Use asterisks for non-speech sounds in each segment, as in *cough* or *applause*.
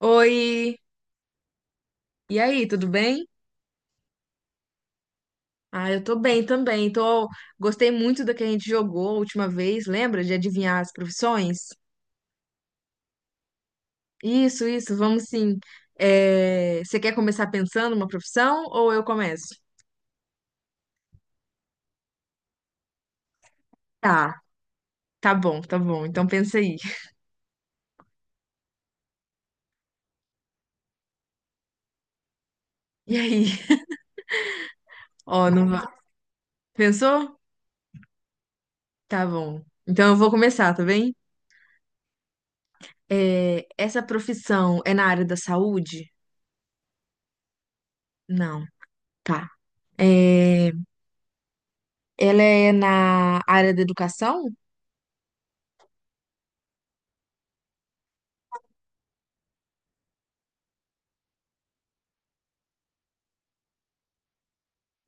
Oi, e aí, tudo bem? Ah, eu tô bem também. Gostei muito da que a gente jogou a última vez, lembra? De adivinhar as profissões? Isso, vamos sim. Você quer começar pensando uma profissão ou eu começo? Tá, tá bom, tá bom. Então pensa aí. *laughs* E aí? Ó, não vai. Pensou? Tá bom. Então eu vou começar, tá bem? Essa profissão é na área da saúde? Não. Tá. É, Ela é na área da educação?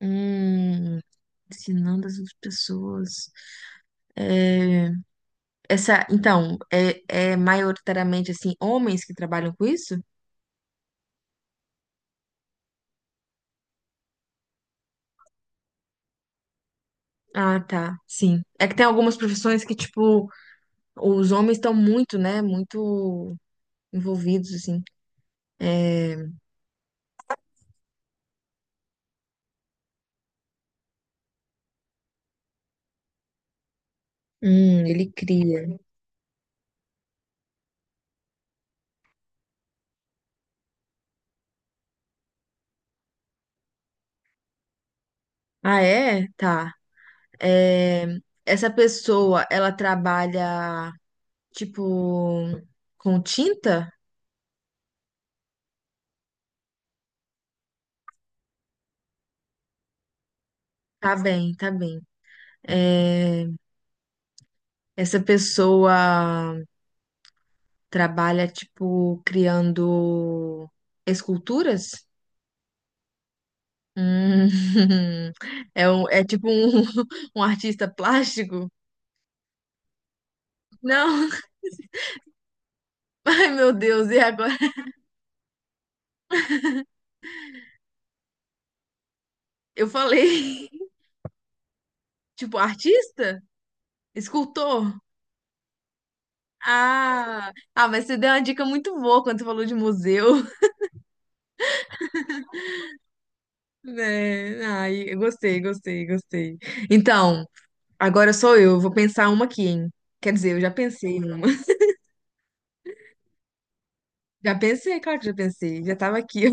Hum, ensinando as outras pessoas. É, Essa, então, é maioritariamente assim, homens que trabalham com isso? Ah, tá, sim. É que tem algumas profissões que, tipo, os homens estão muito, né? Muito envolvidos, assim. É, ele cria. Ah, é? Tá. É, essa pessoa, ela trabalha, tipo, com tinta? Tá bem, tá bem. É, essa pessoa, trabalha, tipo, criando esculturas? Hum, *laughs* é tipo um, *laughs* um artista plástico? Não, *laughs* ai meu Deus, e agora? Eu falei, *laughs* tipo, artista? Escultor? Ah, ah, mas você deu uma dica muito boa quando você falou de museu, *laughs* né? Ai, eu gostei, gostei, gostei. Então, agora sou eu, vou pensar uma aqui, hein? Quer dizer, eu já pensei numa. *laughs* Já pensei, claro que já pensei, já tava aqui.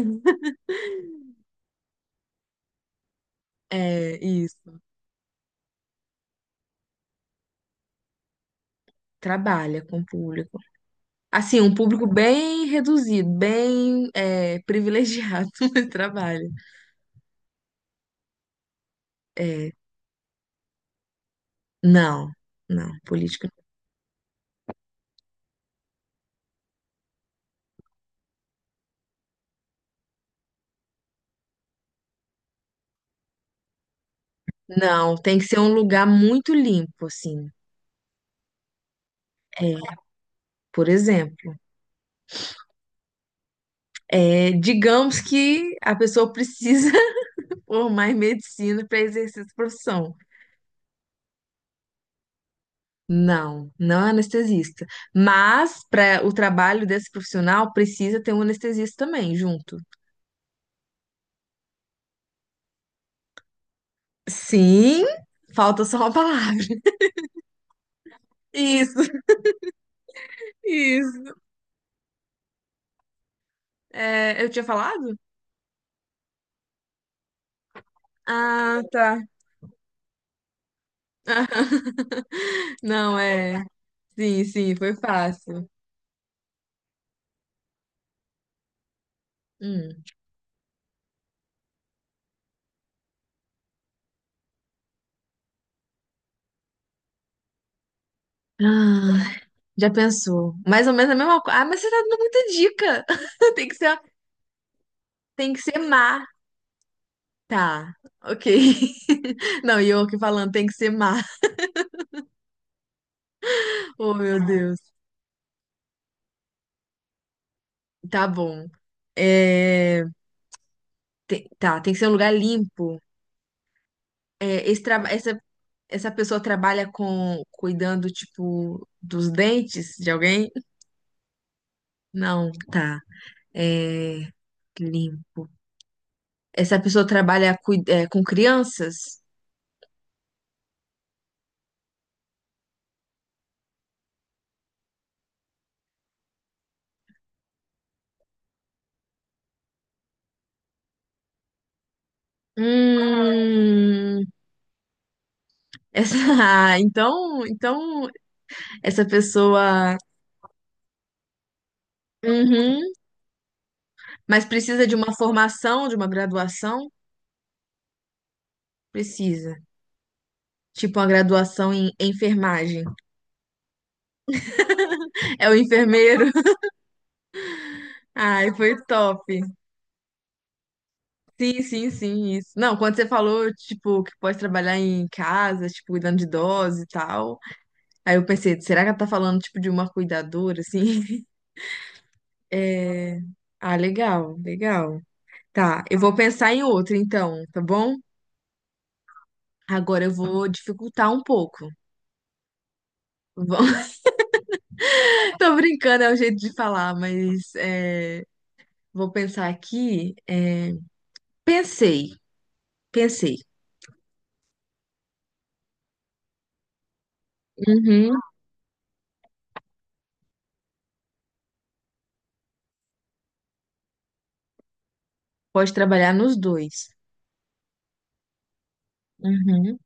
É, isso. Trabalha com o público. Assim, um público bem reduzido, bem privilegiado, *laughs* mas trabalha. É, não, não, política. Não, tem que ser um lugar muito limpo, assim. É, por exemplo, digamos que a pessoa precisa *laughs* formar em medicina para exercer essa profissão. Não, não é anestesista. Mas para o trabalho desse profissional precisa ter um anestesista também junto. Sim, falta só uma palavra. Isso, *laughs* isso. É, eu tinha falado? Ah, tá. *laughs* Não, é. Sim, sim, foi fácil. Hum. Ah, já pensou. Mais ou menos a mesma coisa. Ah, mas você tá dando muita dica. *laughs* Tem que ser, tem que ser má. Tá, ok. *laughs* Não, e eu aqui falando, tem que ser má. Oh, meu Deus. Tá bom. É, tá, tem que ser um lugar limpo. Esse trabalho. Essa pessoa trabalha com cuidando, tipo, dos dentes de alguém? Não, tá. É, limpo. Essa pessoa trabalha com crianças? Hum, essa, *laughs* ah, então essa pessoa, uhum, mas precisa de uma formação, de uma graduação? Precisa. Tipo uma graduação em enfermagem. *laughs* É o enfermeiro. *laughs* Ai, foi top. Sim, sim, sim, isso. Não, quando você falou, tipo, que pode trabalhar em casa, tipo, cuidando de idosos e tal, aí eu pensei, será que ela tá falando, tipo, de uma cuidadora, assim? *laughs* É... Ah, legal, legal. Tá, eu vou pensar em outra, então, tá bom? Agora eu vou dificultar um pouco. Vou- *laughs* Tô brincando, é o jeito de falar, mas vou pensar aqui. Pensei, pensei. Uhum. Pode trabalhar nos dois. Uhum.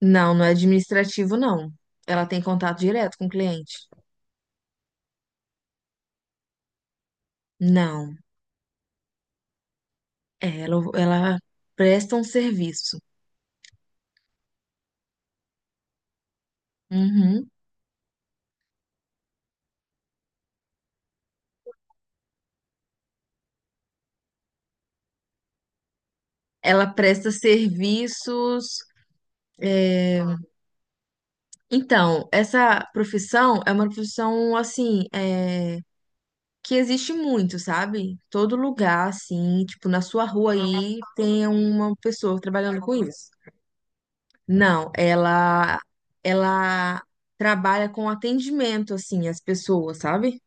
Não, não é administrativo, não. Ela tem contato direto com o cliente. Não. Ela presta um serviço. Uhum. Ela presta serviços. é, Então, essa profissão é uma profissão assim, que existe muito, sabe? Todo lugar, assim, tipo, na sua rua aí tem uma pessoa trabalhando com isso. Não, ela trabalha com atendimento, assim, às pessoas, sabe?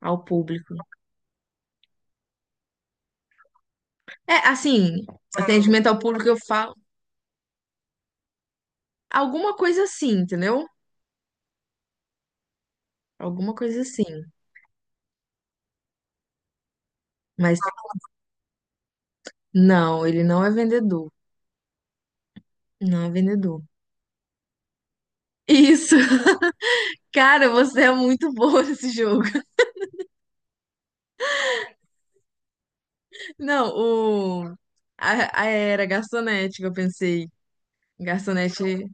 Ao público. Assim, atendimento ao público eu falo alguma coisa assim, entendeu? Alguma coisa assim. Mas não, ele não é vendedor. Não é vendedor. Isso! *laughs* Cara, você é muito boa nesse jogo. Não, o. A era garçonete que eu pensei. Garçonete.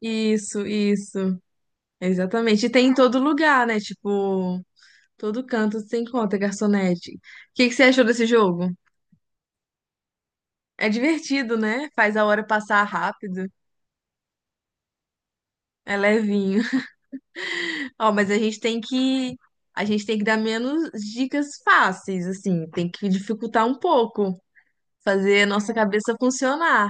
Isso, isso. Exatamente. E tem em todo lugar, né? Tipo, todo canto você encontra garçonete. O que que você achou desse jogo? É divertido, né? Faz a hora passar rápido. É levinho. Ó, mas a gente tem que dar menos dicas fáceis, assim, tem que dificultar um pouco, fazer a nossa cabeça funcionar.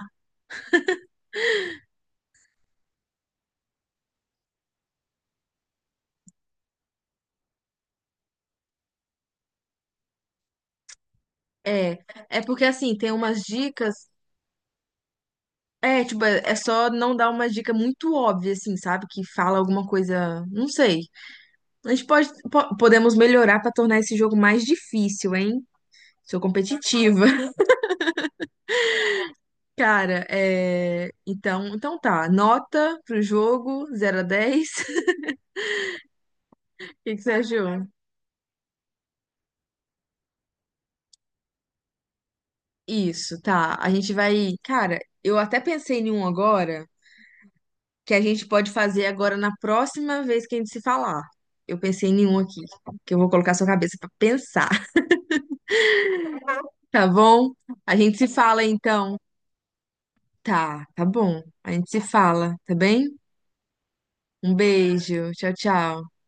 É, é porque assim, tem umas dicas, tipo, é só não dar uma dica muito óbvia assim, sabe, que fala alguma coisa, não sei. A gente pode podemos melhorar pra tornar esse jogo mais difícil, hein? Sou competitiva. *laughs* Cara, então, então, nota pro jogo 0 a 10, *laughs* o que que você achou? Isso, tá. A gente vai. Cara, eu até pensei em um agora que a gente pode fazer agora na próxima vez que a gente se falar. Eu pensei em um aqui, que eu vou colocar sua cabeça pra pensar, *laughs* tá bom? A gente se fala então. Tá, tá bom. A gente se fala, tá bem? Um beijo. Tchau, tchau.